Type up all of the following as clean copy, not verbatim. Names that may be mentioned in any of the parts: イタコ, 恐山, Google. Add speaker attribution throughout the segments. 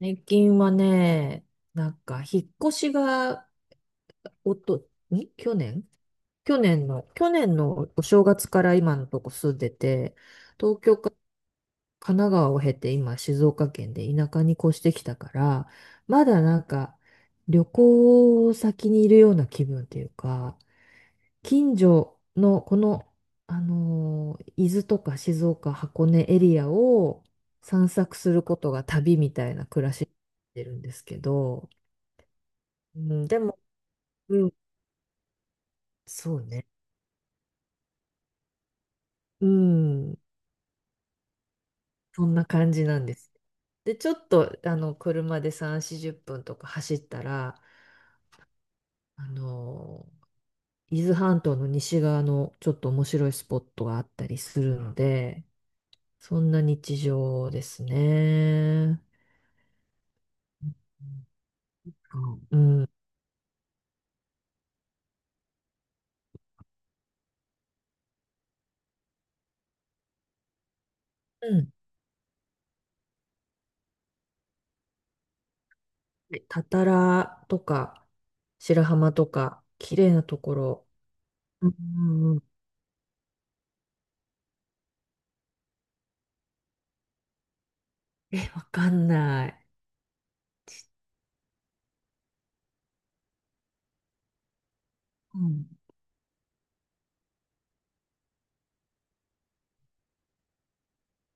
Speaker 1: 最近はね、なんか、引っ越しが、おと、ん去年のお正月から今のとこ住んでて、東京か神奈川を経て今静岡県で田舎に越してきたから、まだなんか、旅行先にいるような気分というか、近所のこの、伊豆とか静岡、箱根エリアを散策することが旅みたいな暮らしになってるんですけど、うん、でも、うん、そうね。うん、そんな感じなんです。で、ちょっと、車で3、40分とか走ったら、あの、伊豆半島の西側のちょっと面白いスポットがあったりするので、そんな日常ですね。うん。うん。で、たたらとか、白浜とか、綺麗なところ。うん、うん、うん。え、わかんない。うん。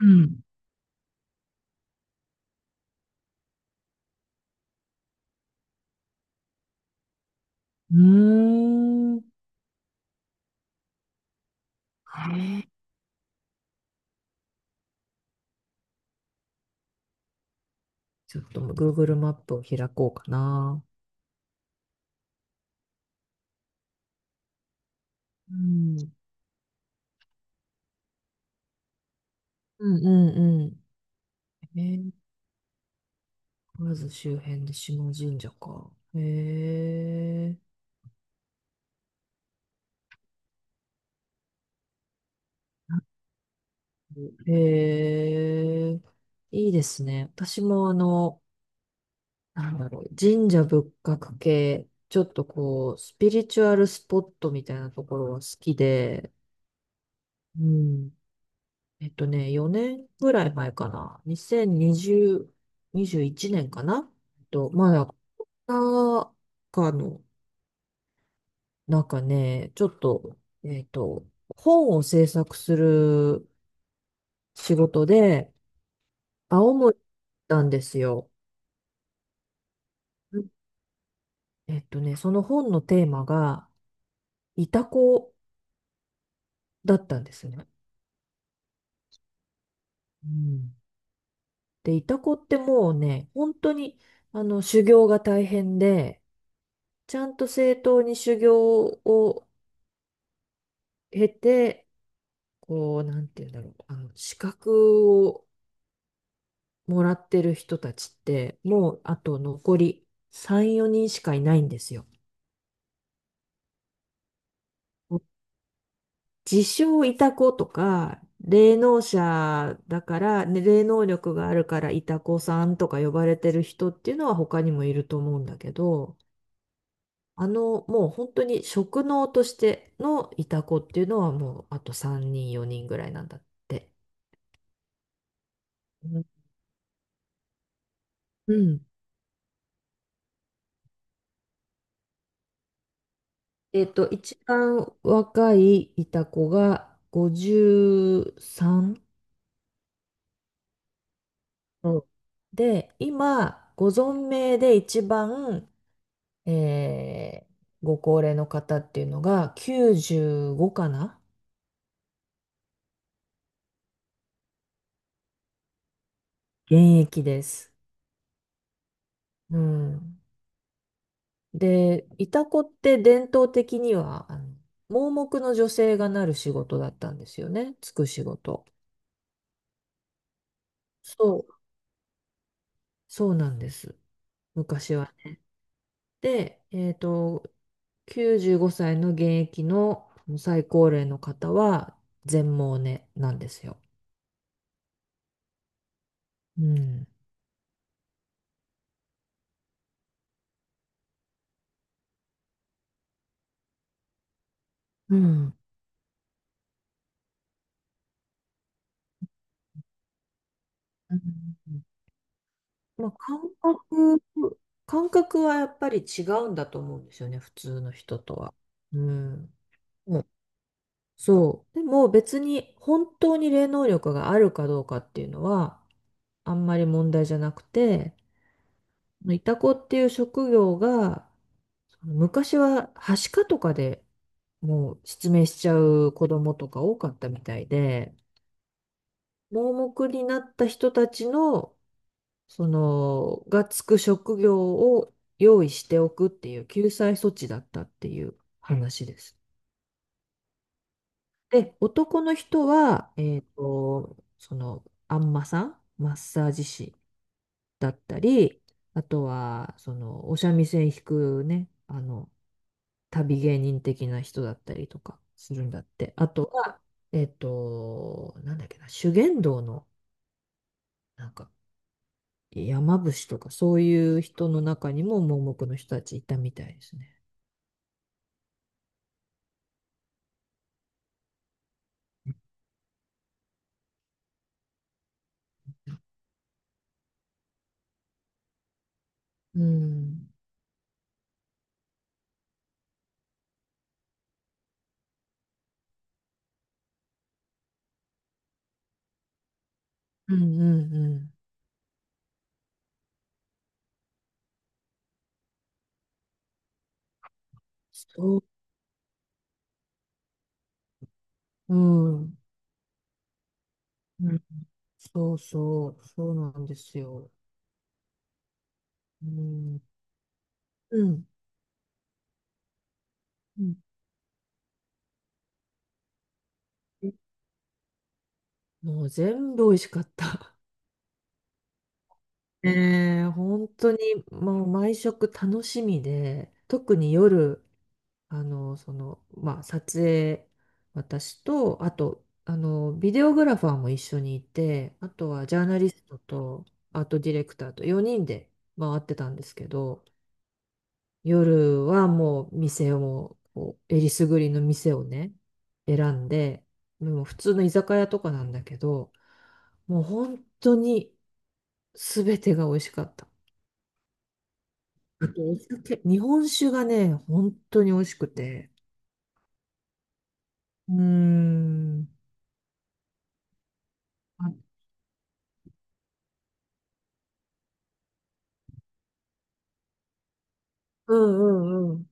Speaker 1: うん、うーん。はい。ちょっと Google マップを開こうかな。うん。うん、うん、うん。まず周辺で下神社か。へえ。へえ。いいですね。私もなんだろう、神社仏閣系、ちょっとこう、スピリチュアルスポットみたいなところは好きで、うん。4年ぐらい前かな。2020、21年かな。まだ、なんかの、なんかね、ちょっと、えっと、本を制作する仕事で、青森に行ったんですよ。うん。その本のテーマが、イタコだったんですね。うん。で、イタコってもうね、本当に、修行が大変で、ちゃんと正当に修行を経て、こう、なんて言うんだろう、資格をもらってる人たちって、もうあと残り3、4人しかいないんですよ。自称イタコとか、霊能者だから、ね、霊能力があるからイタコさんとか呼ばれてる人っていうのは他にもいると思うんだけど、もう本当に職能としてのイタコっていうのはもうあと3人、4人ぐらいなんだって。うん。うん。一番若いいた子が53うさん。で、今、ご存命で一番、えーご高齢の方っていうのが95かな。現役です。うん。で、いた子って伝統的には、盲目の女性がなる仕事だったんですよね。つく仕事。そう、そうなんです。昔は。で、95歳の現役の最高齢の方は全盲ねなんですよ。うん。うん。うん、まあ、感覚はやっぱり違うんだと思うんですよね、普通の人とは。うん。うん、そう。でも別に本当に霊能力があるかどうかっていうのはあんまり問題じゃなくて、いたこっていう職業が昔は、はしかとかでもう失明しちゃう子供とか多かったみたいで、盲目になった人たちの、その、がつく職業を用意しておくっていう救済措置だったっていう話です。で、男の人は、その、あんまさん、マッサージ師だったり、あとは、その、お三味線弾くね、旅芸人的な人だったりとかするんだって。あとは、なんだっけな、修験道の、なんか、山伏とか、そういう人の中にも盲目の人たちいたみたいですね。うん。うん、うん、うん。そう、うん。うん、そうそう、そうなんですよ。うん。うん。うん、もう全部美味しかった。ねえ、本当にもう毎食楽しみで、特に夜、撮影、私と、あと、ビデオグラファーも一緒にいて、あとはジャーナリストと、アートディレクターと4人で回ってたんですけど、夜はもう店を、こうえりすぐりの店をね、選んで、もう普通の居酒屋とかなんだけど、もう本当に全てが美味しかった。あとお酒、日本酒がね、本当に美味しくて、うーん。うん、うん、うん。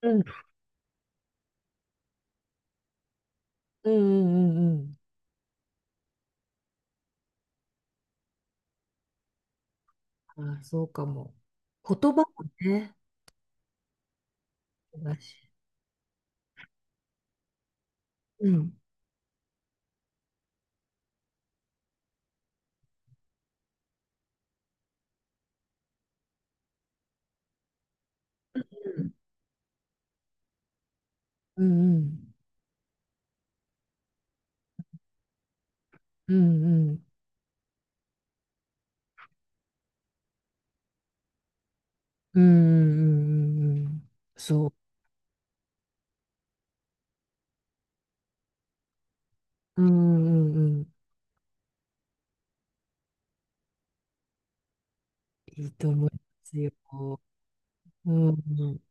Speaker 1: うん、うん、うん、うん、うん、あ、そうかも。言葉もね。だし。うん、うん、うん、うん、うん、うん、うん、うん、うん、うん、そう、うん、うん、うん、いいと思いますよ。うん、うん、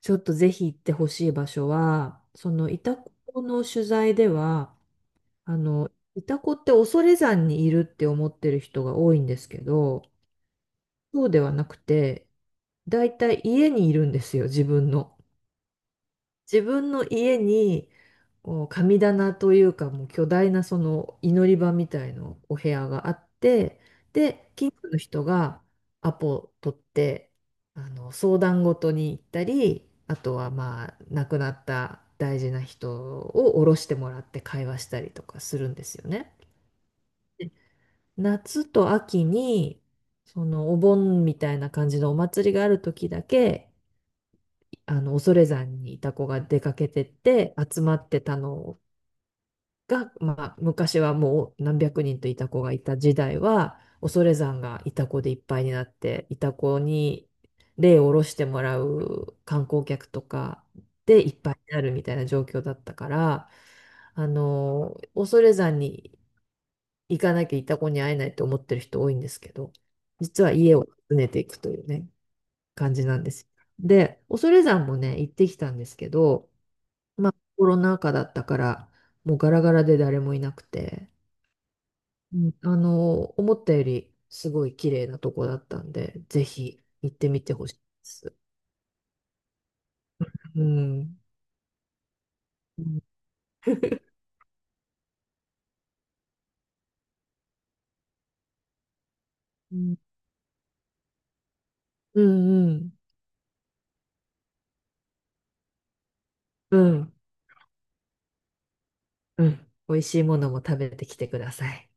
Speaker 1: ちょっとぜひ行ってほしい場所はそのイタコの取材では、あのイタコって恐山にいるって思ってる人が多いんですけど、そうではなくて、だいたい家にいるんですよ、自分の。自分の家に、こう神棚というか、もう巨大なその祈り場みたいなお部屋があって、で、近所の人がアポ取って、相談事に行ったり、あとはまあ、亡くなった大事な人を降ろしてもらって会話したりとかするんですよね。夏と秋に、そのお盆みたいな感じのお祭りがある時だけ、恐山にいた子が出かけてって集まってたのが、まあ、昔はもう何百人といた子がいた時代は、恐山がいた子でいっぱいになって、いた子に霊を下ろしてもらう観光客とかでいっぱいになるみたいな状況だったから、恐山に行かなきゃいた子に会えないと思ってる人多いんですけど、実は家を訪ねていくというね、感じなんですよ。で、恐山もね、行ってきたんですけど、まあ、コロナ禍だったから、もうガラガラで誰もいなくて、うん、思ったよりすごい綺麗なとこだったんで、ぜひ行ってみてほしいです。うん。うん。うん、うん。うん。うん、美味しいものも食べてきてください。